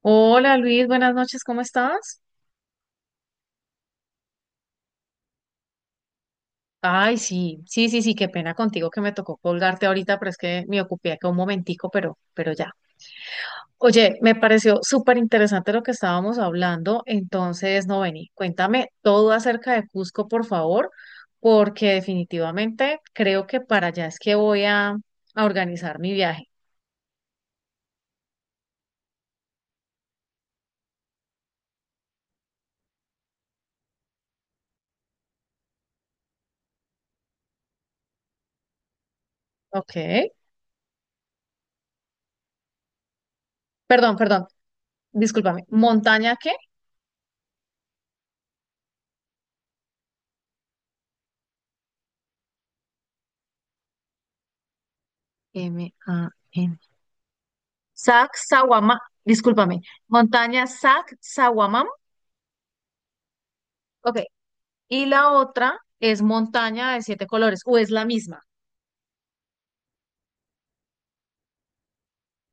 Hola Luis, buenas noches, ¿cómo estás? Ay, sí, sí, sí, sí, qué pena contigo que me tocó colgarte ahorita, pero es que me ocupé acá un momentico, pero ya. Oye, me pareció súper interesante lo que estábamos hablando, entonces, no vení, cuéntame todo acerca de Cusco, por favor, porque definitivamente creo que para allá es que voy a organizar mi viaje. Ok, perdón, discúlpame, ¿montaña qué? man Sac Sawamam, discúlpame, montaña Sac Sawamam, ok, y la otra es montaña de siete colores, o es la misma,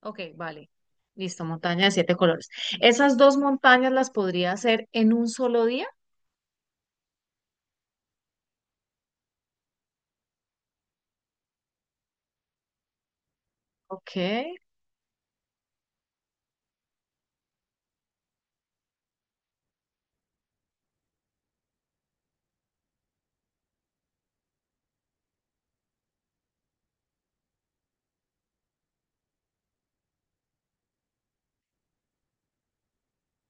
ok, vale, listo, montaña de siete colores. Esas dos montañas las podría hacer en un solo día, ok,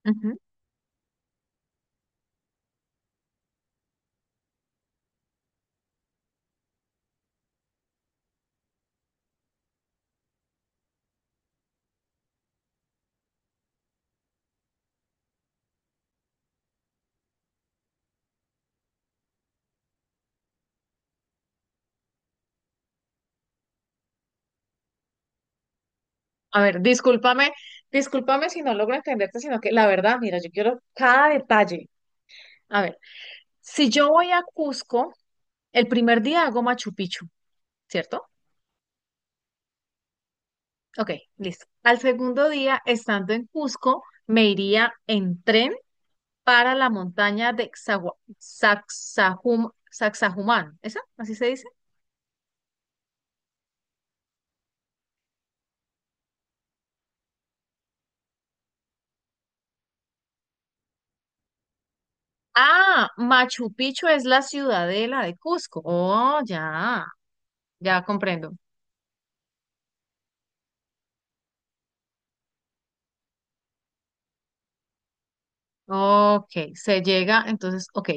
ujú. A ver, discúlpame si no logro entenderte, sino que la verdad, mira, yo quiero cada detalle. A ver, si yo voy a Cusco, el primer día hago Machu Picchu, ¿cierto? Ok, listo. Al segundo día, estando en Cusco, me iría en tren para la montaña de Sacsayhuamán. ¿Esa? ¿Así se dice? Ah, Machu Picchu es la ciudadela de Cusco. Oh, ya, ya comprendo. Ok, se llega, entonces, ok.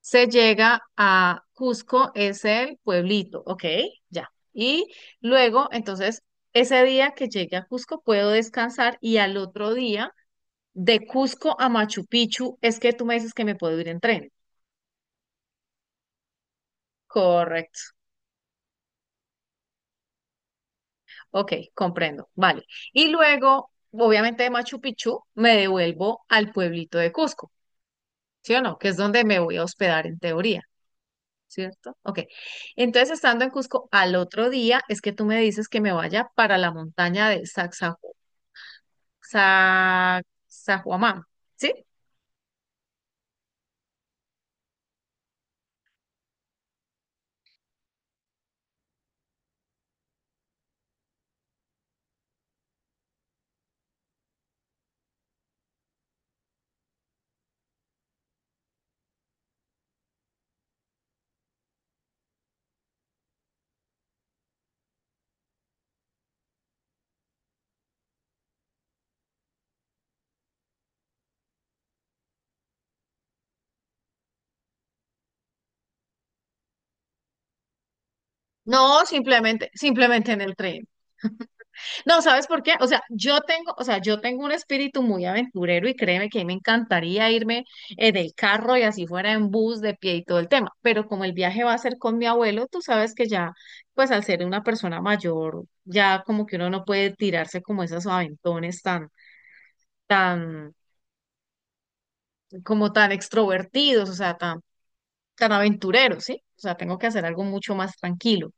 Se llega a Cusco, es el pueblito, ok, ya. Y luego, entonces, ese día que llegue a Cusco puedo descansar y al otro día. De Cusco a Machu Picchu, es que tú me dices que me puedo ir en tren. Correcto. Ok, comprendo. Vale. Y luego, obviamente de Machu Picchu, me devuelvo al pueblito de Cusco, ¿sí o no? Que es donde me voy a hospedar en teoría, ¿cierto? Ok. Entonces, estando en Cusco al otro día, es que tú me dices que me vaya para la montaña de Sacsayhuamán, Sahuamán, ¿sí? No, simplemente en el tren. No, ¿sabes por qué? O sea, yo tengo un espíritu muy aventurero y créeme que a mí me encantaría irme del carro y así fuera en bus, de pie y todo el tema, pero como el viaje va a ser con mi abuelo, tú sabes que ya, pues al ser una persona mayor, ya como que uno no puede tirarse como esos aventones tan, como tan extrovertidos, o sea, tan aventureros, ¿sí? O sea, tengo que hacer algo mucho más tranquilo.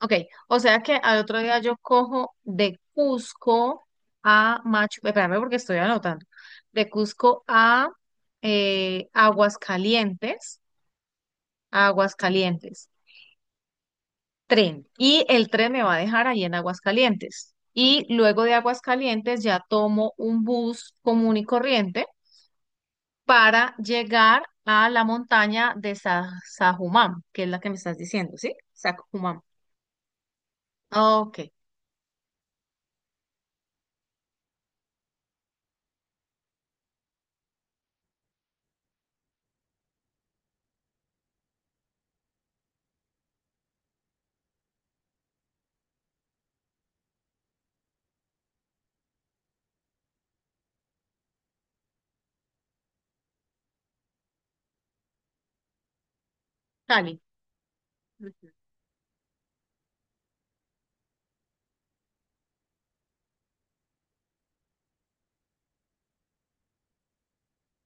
Ok, o sea que al otro día yo cojo de Cusco a Machu, espérame porque estoy anotando, de Cusco a eh, Aguascalientes, Aguascalientes, tren. Y el tren me va a dejar ahí en Aguascalientes. Y luego de Aguascalientes ya tomo un bus común y corriente para llegar a la montaña de Sajumam, que es la que me estás diciendo, ¿sí? Sajumam. Ok, Cali. Ujú.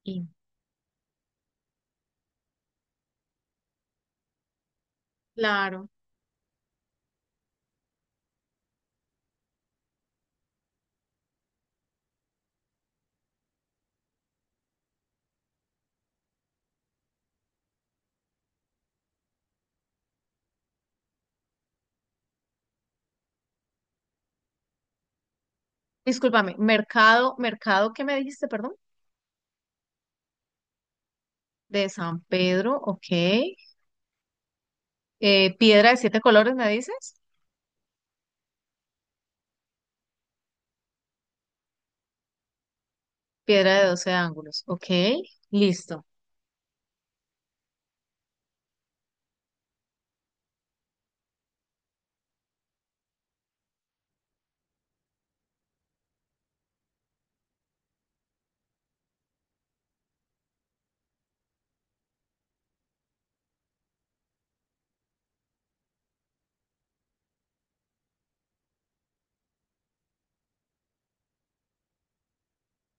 Y claro. Discúlpame, mercado, ¿qué me dijiste, perdón? De San Pedro, ok. Piedra de siete colores, ¿me dices? Piedra de doce ángulos, ok. Listo.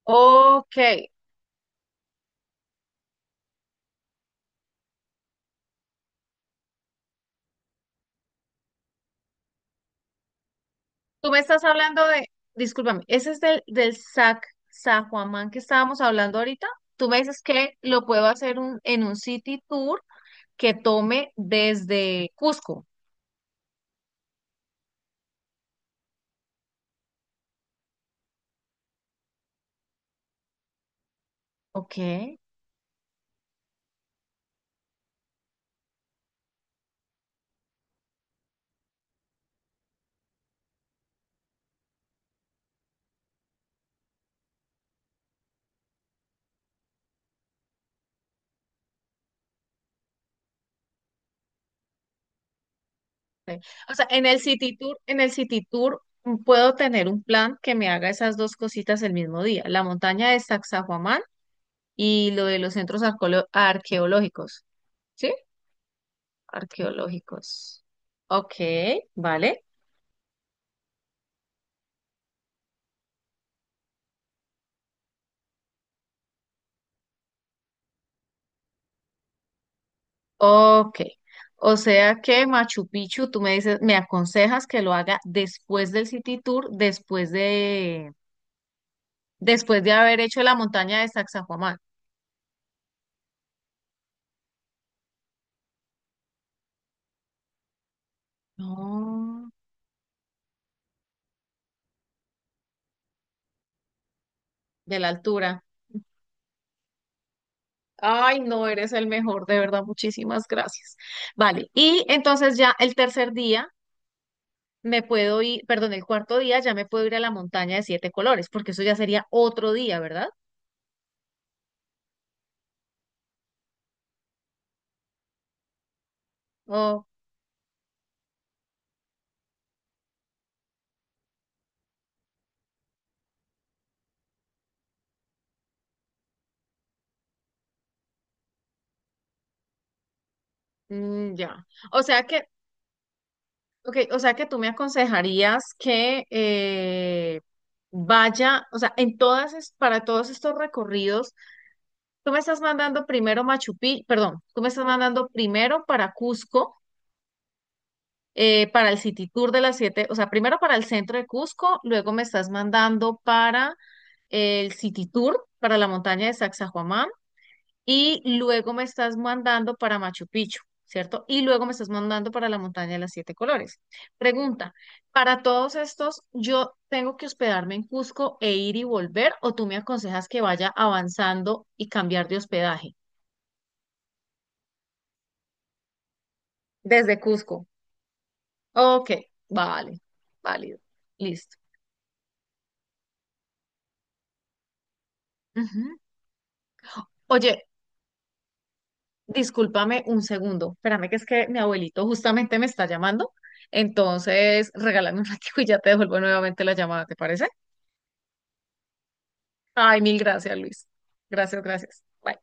Ok. Tú me estás hablando de, discúlpame, ese es del, Sac, San Juan que estábamos hablando ahorita. Tú me dices que lo puedo hacer en un city tour que tome desde Cusco. Ok. Sí. O sea, en el City Tour, en el City Tour mm, puedo tener un plan que me haga esas dos cositas el mismo día, la montaña de Sacsayhuamán y lo de los centros arqueológicos, ¿sí? Arqueológicos. Ok, vale. Ok. O sea que Machu Picchu, tú me dices, me aconsejas que lo haga después del City Tour, después de haber hecho la montaña de Sacsayhuamán. No, de la altura. Ay, no, eres el mejor, de verdad, muchísimas gracias. Vale, y entonces ya el tercer día me puedo ir, perdón, el cuarto día ya me puedo ir a la montaña de siete colores, porque eso ya sería otro día, ¿verdad? Oh, mm, ya. O sea que, ok, o sea que tú me aconsejarías que vaya, o sea, en todas, para todos estos recorridos, tú me estás mandando primero Machu Picchu, perdón, tú me estás mandando primero para Cusco para el City Tour de las siete, o sea, primero para el centro de Cusco, luego me estás mandando para el City Tour, para la montaña de Sacsayhuamán, y luego me estás mandando para Machu Picchu, ¿cierto? Y luego me estás mandando para la montaña de las siete colores. Pregunta, ¿para todos estos yo tengo que hospedarme en Cusco e ir y volver, o tú me aconsejas que vaya avanzando y cambiar de hospedaje desde Cusco? Ok, vale, válido, listo. Ujú. Oye, discúlpame un segundo, espérame que es que mi abuelito justamente me está llamando, entonces regálame un ratito y ya te devuelvo nuevamente la llamada, ¿te parece? Ay, mil gracias, Luis. Gracias, gracias. Bye.